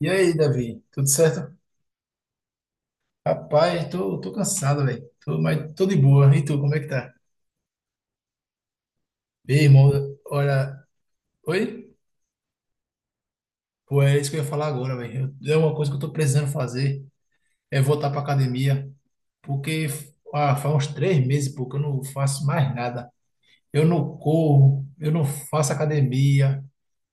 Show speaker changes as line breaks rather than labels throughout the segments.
E aí, Davi, tudo certo? Rapaz, tô cansado, velho. Tô, mas tô de boa. E tu, como é que tá? Ei, irmão, olha. Oi? Pô, é isso que eu ia falar agora, velho. É uma coisa que eu tô precisando fazer, é voltar pra academia. Porque faz uns 3 meses, pô, que eu não faço mais nada. Eu não corro, eu não faço academia,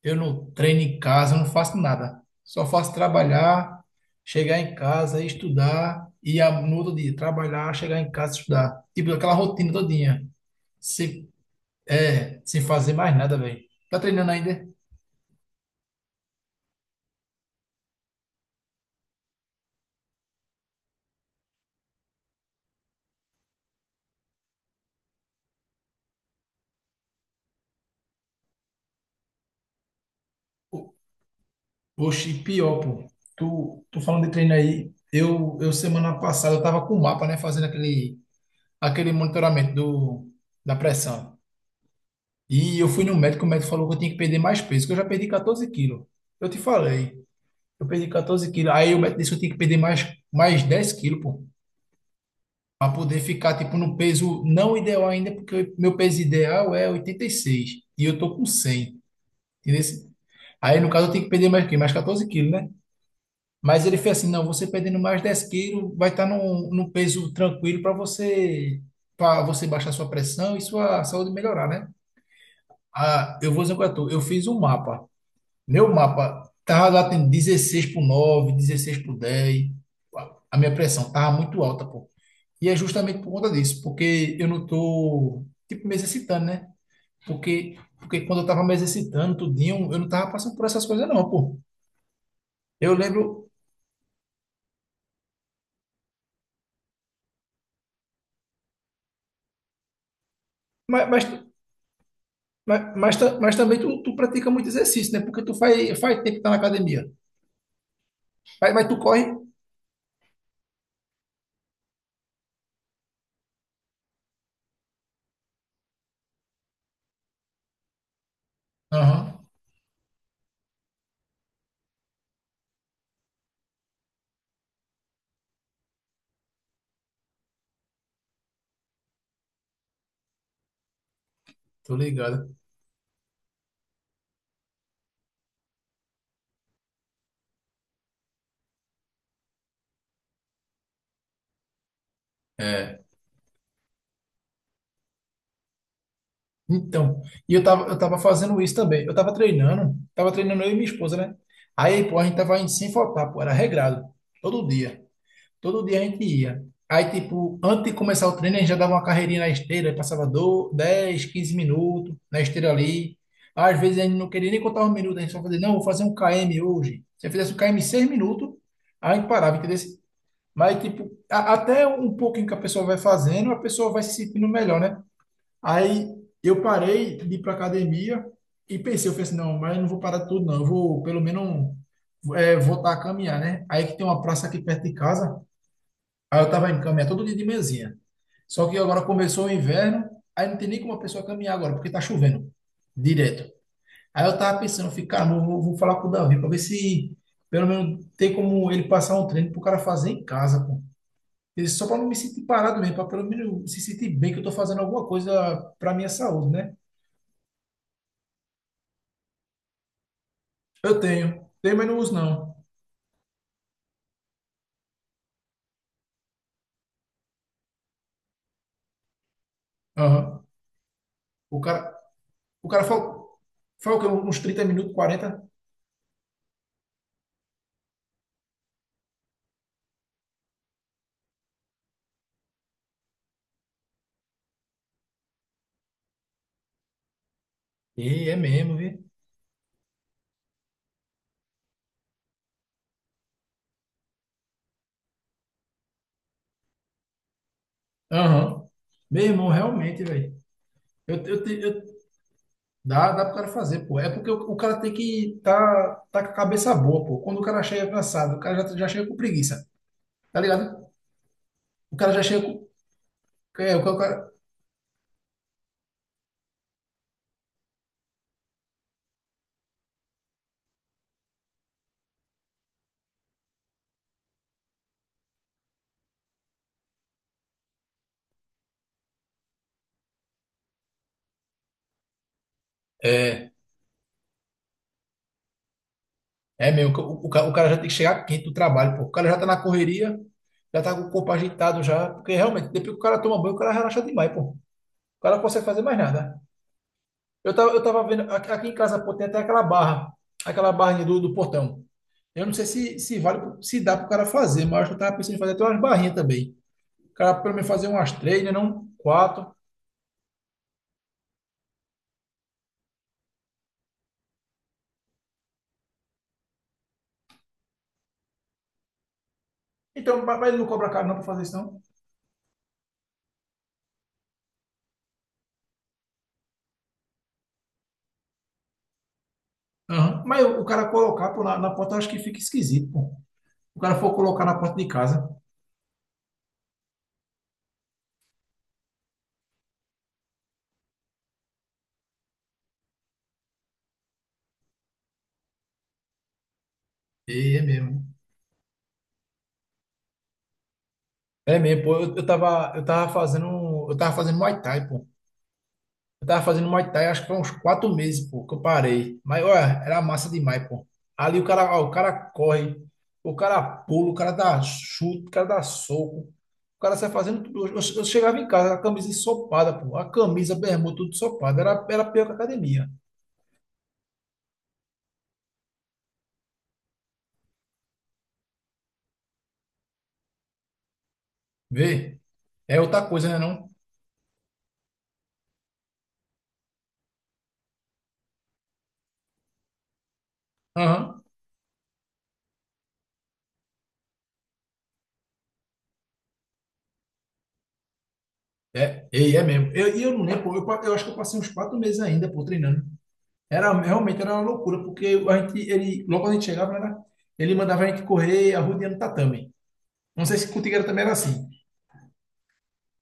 eu não treino em casa, eu não faço nada. Só faço trabalhar, chegar em casa, estudar e no outro dia trabalhar, chegar em casa, estudar. Tipo, aquela rotina todinha. Sem, sem fazer mais nada, velho. Tá treinando ainda? O- Oxe, pior, pô. Tu falando de treino aí, eu semana passada eu tava com o mapa, né, fazendo aquele monitoramento da pressão. E eu fui no médico, o médico falou que eu tinha que perder mais peso, que eu já perdi 14 quilos. Eu te falei, eu perdi 14 quilos. Aí o médico disse que eu tinha que perder mais 10 quilos, pô, para poder ficar, tipo, no peso não ideal ainda, porque meu peso ideal é 86 e eu tô com 100, entendeu? Aí, no caso, eu tenho que perder mais, o quê? Mais 14 quilos, né? Mas ele fez assim, não, você perdendo mais 10 quilos vai estar, tá num peso tranquilo para você baixar sua pressão e sua saúde melhorar, né? Ah, eu vou dizer o que eu tô, eu fiz um mapa. Meu mapa tava batendo 16 por 9, 16 por 10. A minha pressão tava muito alta, pô. E é justamente por conta disso, porque eu não tô, tipo, me exercitando, né? Porque quando eu tava me exercitando, tudinho, eu não tava passando por essas coisas, não, pô. Eu lembro, mas, mas, mas também tu pratica muito exercício, né? Porque faz tempo que tá na academia. Mas tu corre? Aham, tô ligado. É. Então, e eu tava fazendo isso também. Eu tava treinando eu e minha esposa, né? Aí, pô, a gente tava indo sem faltar, pô, era regrado. Todo dia. Todo dia a gente ia. Aí, tipo, antes de começar o treino, a gente já dava uma carreirinha na esteira, aí passava do 10, 15 minutos na esteira ali. Às vezes a gente não queria nem contar os minutos, a gente só fazia, não, vou fazer 1 km hoje. Se eu fizesse 1 km em 6 minutos, aí a gente parava, entendeu? Mas, tipo, até um pouquinho que a pessoa vai fazendo, a pessoa vai se sentindo melhor, né? Aí eu parei de ir para academia e pensei, eu falei assim, não, mas eu não vou parar tudo, não. Eu vou pelo menos voltar a caminhar, né? Aí que tem uma praça aqui perto de casa. Aí eu tava indo caminhar todo dia de manhãzinha. Só que agora começou o inverno, aí não tem nem como a pessoa caminhar agora, porque tá chovendo direto. Aí eu tava pensando, ficar, vou falar com o Davi para ver se pelo menos tem como ele passar um treino pro cara fazer em casa, pô. Só para não me sentir parado mesmo, para pelo menos se sentir bem que eu tô fazendo alguma coisa para minha saúde, né? Eu tenho. Tenho, mas não uso, não. Aham. O cara, o cara falou, foi o quê? Uns 30 minutos, 40. E é mesmo, viu? Aham. Meu irmão, realmente, velho. Eu, te- eu, dá, dá pro cara fazer, pô. É porque o cara tem que tá com a cabeça boa, pô. Quando o cara chega cansado, o cara já chega com preguiça, tá ligado? O cara já chega com. É. É, é mesmo. O cara já tem que chegar quente do trabalho, pô. O cara já tá na correria, já tá com o corpo agitado já. Porque realmente, depois que o cara toma banho, o cara relaxa demais, pô. O cara não consegue fazer mais nada. Eu tava vendo, aqui em casa, pô, tem até aquela barra, aquela barrinha do portão. Eu não sei se vale, se dá pro cara fazer, mas eu acho que eu tava pensando em fazer até umas barrinhas também. O cara pelo menos fazer umas três, né, não quatro. Então, mas ele não cobra caro não pra fazer isso, não. Aham. Mas o cara colocar, pô, na porta, eu acho que fica esquisito, pô. O cara for colocar na porta de casa. E é mesmo. É mesmo, pô. Eu tava fazendo Muay Thai, pô. Eu tava fazendo Muay Thai, acho que foi uns 4 meses, pô, que eu parei. Mas, olha, era massa demais, pô. Ali o cara, ó, o cara corre, o cara pula, o cara dá chute, o cara dá soco. O cara sai fazendo tudo. Eu chegava em casa, a camisa ensopada, pô. A camisa, a bermuda, tudo ensopada. Era pior que a academia. Vê? É outra coisa, né, não? Aham. É, e é mesmo. Eu não lembro, pô, eu acho que eu passei uns 4 meses ainda, pô, treinando. Era, realmente era uma loucura, porque a gente, ele, logo quando a gente chegava, era, ele mandava a gente correr arrodeando o tatame. Não sei se contigo era, também era assim.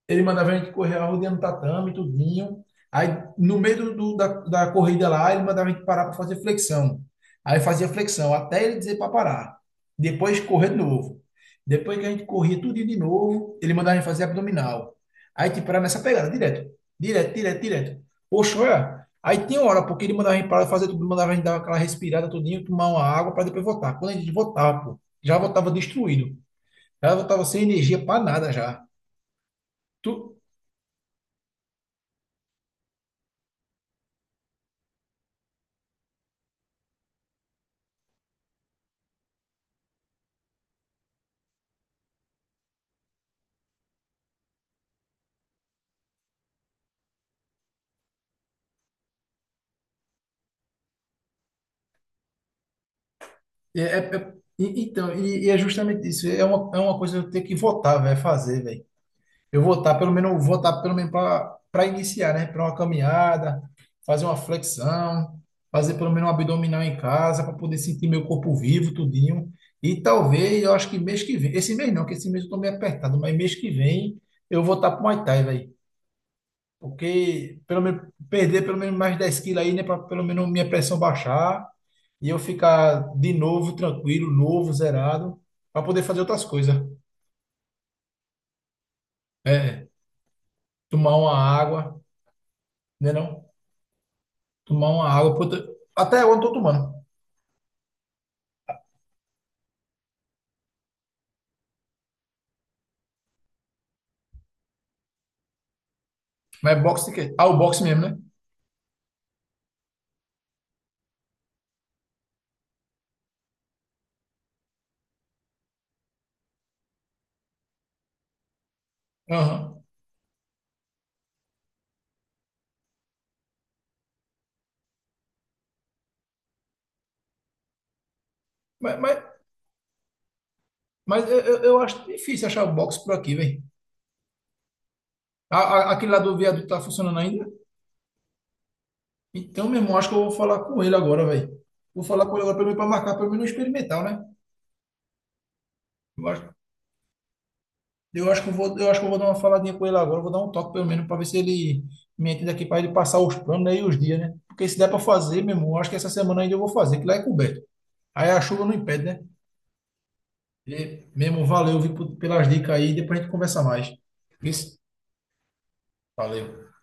Ele mandava a gente correr a rua dentro do tatame, tudinho. Aí, no meio da corrida lá, ele mandava a gente parar para fazer flexão. Aí fazia flexão, até ele dizer para parar. Depois correr de novo. Depois que a gente corria tudo de novo, ele mandava a gente fazer abdominal. Aí, tipo, era nessa pegada, direto. Direto, direto, direto. Poxa, olha. Aí tinha hora, porque ele mandava a gente parar de fazer tudo, mandava a gente dar aquela respirada tudinho, tomar uma água para depois voltar. Quando a gente voltava, pô, já voltava destruído. Já voltava sem energia para nada já. Tu. É, é, é- então, é justamente isso. É uma coisa que eu tenho que votar, velho, fazer, velho. Eu votar pelo menos para iniciar, né? Para uma caminhada, fazer uma flexão, fazer pelo menos um abdominal em casa, para poder sentir meu corpo vivo, tudinho. E talvez, eu acho que mês que vem, esse mês não, que esse mês eu tô meio apertado, mas mês que vem eu vou estar pro Muay Thai, velho. Porque pelo menos perder pelo menos mais 10 quilos aí, né? Para pelo menos minha pressão baixar e eu ficar de novo tranquilo, novo, zerado, para poder fazer outras coisas. É, tomar uma água, né? Não? Tomar uma água. Puta, até eu não tô tomando. Mas boxe de quê? Ah, o boxe mesmo, né? Aham. Mas, mas, mas eu acho difícil achar o boxe por aqui, velho. Aquele lá do viaduto tá funcionando ainda? Então, meu irmão, acho que eu vou falar com ele agora, velho. Vou falar com ele agora para marcar, pelo menos experimental, né? Eu acho que eu vou dar uma faladinha com ele agora, eu vou dar um toque pelo menos para ver se ele me entende aqui para ele passar os planos, né, e os dias, né? Porque se der para fazer, meu irmão, eu acho que essa semana ainda eu vou fazer, que lá é coberto. Aí a chuva não impede, né? E, meu irmão, valeu, viu, pelas dicas aí, depois a gente conversa mais. Isso? Valeu.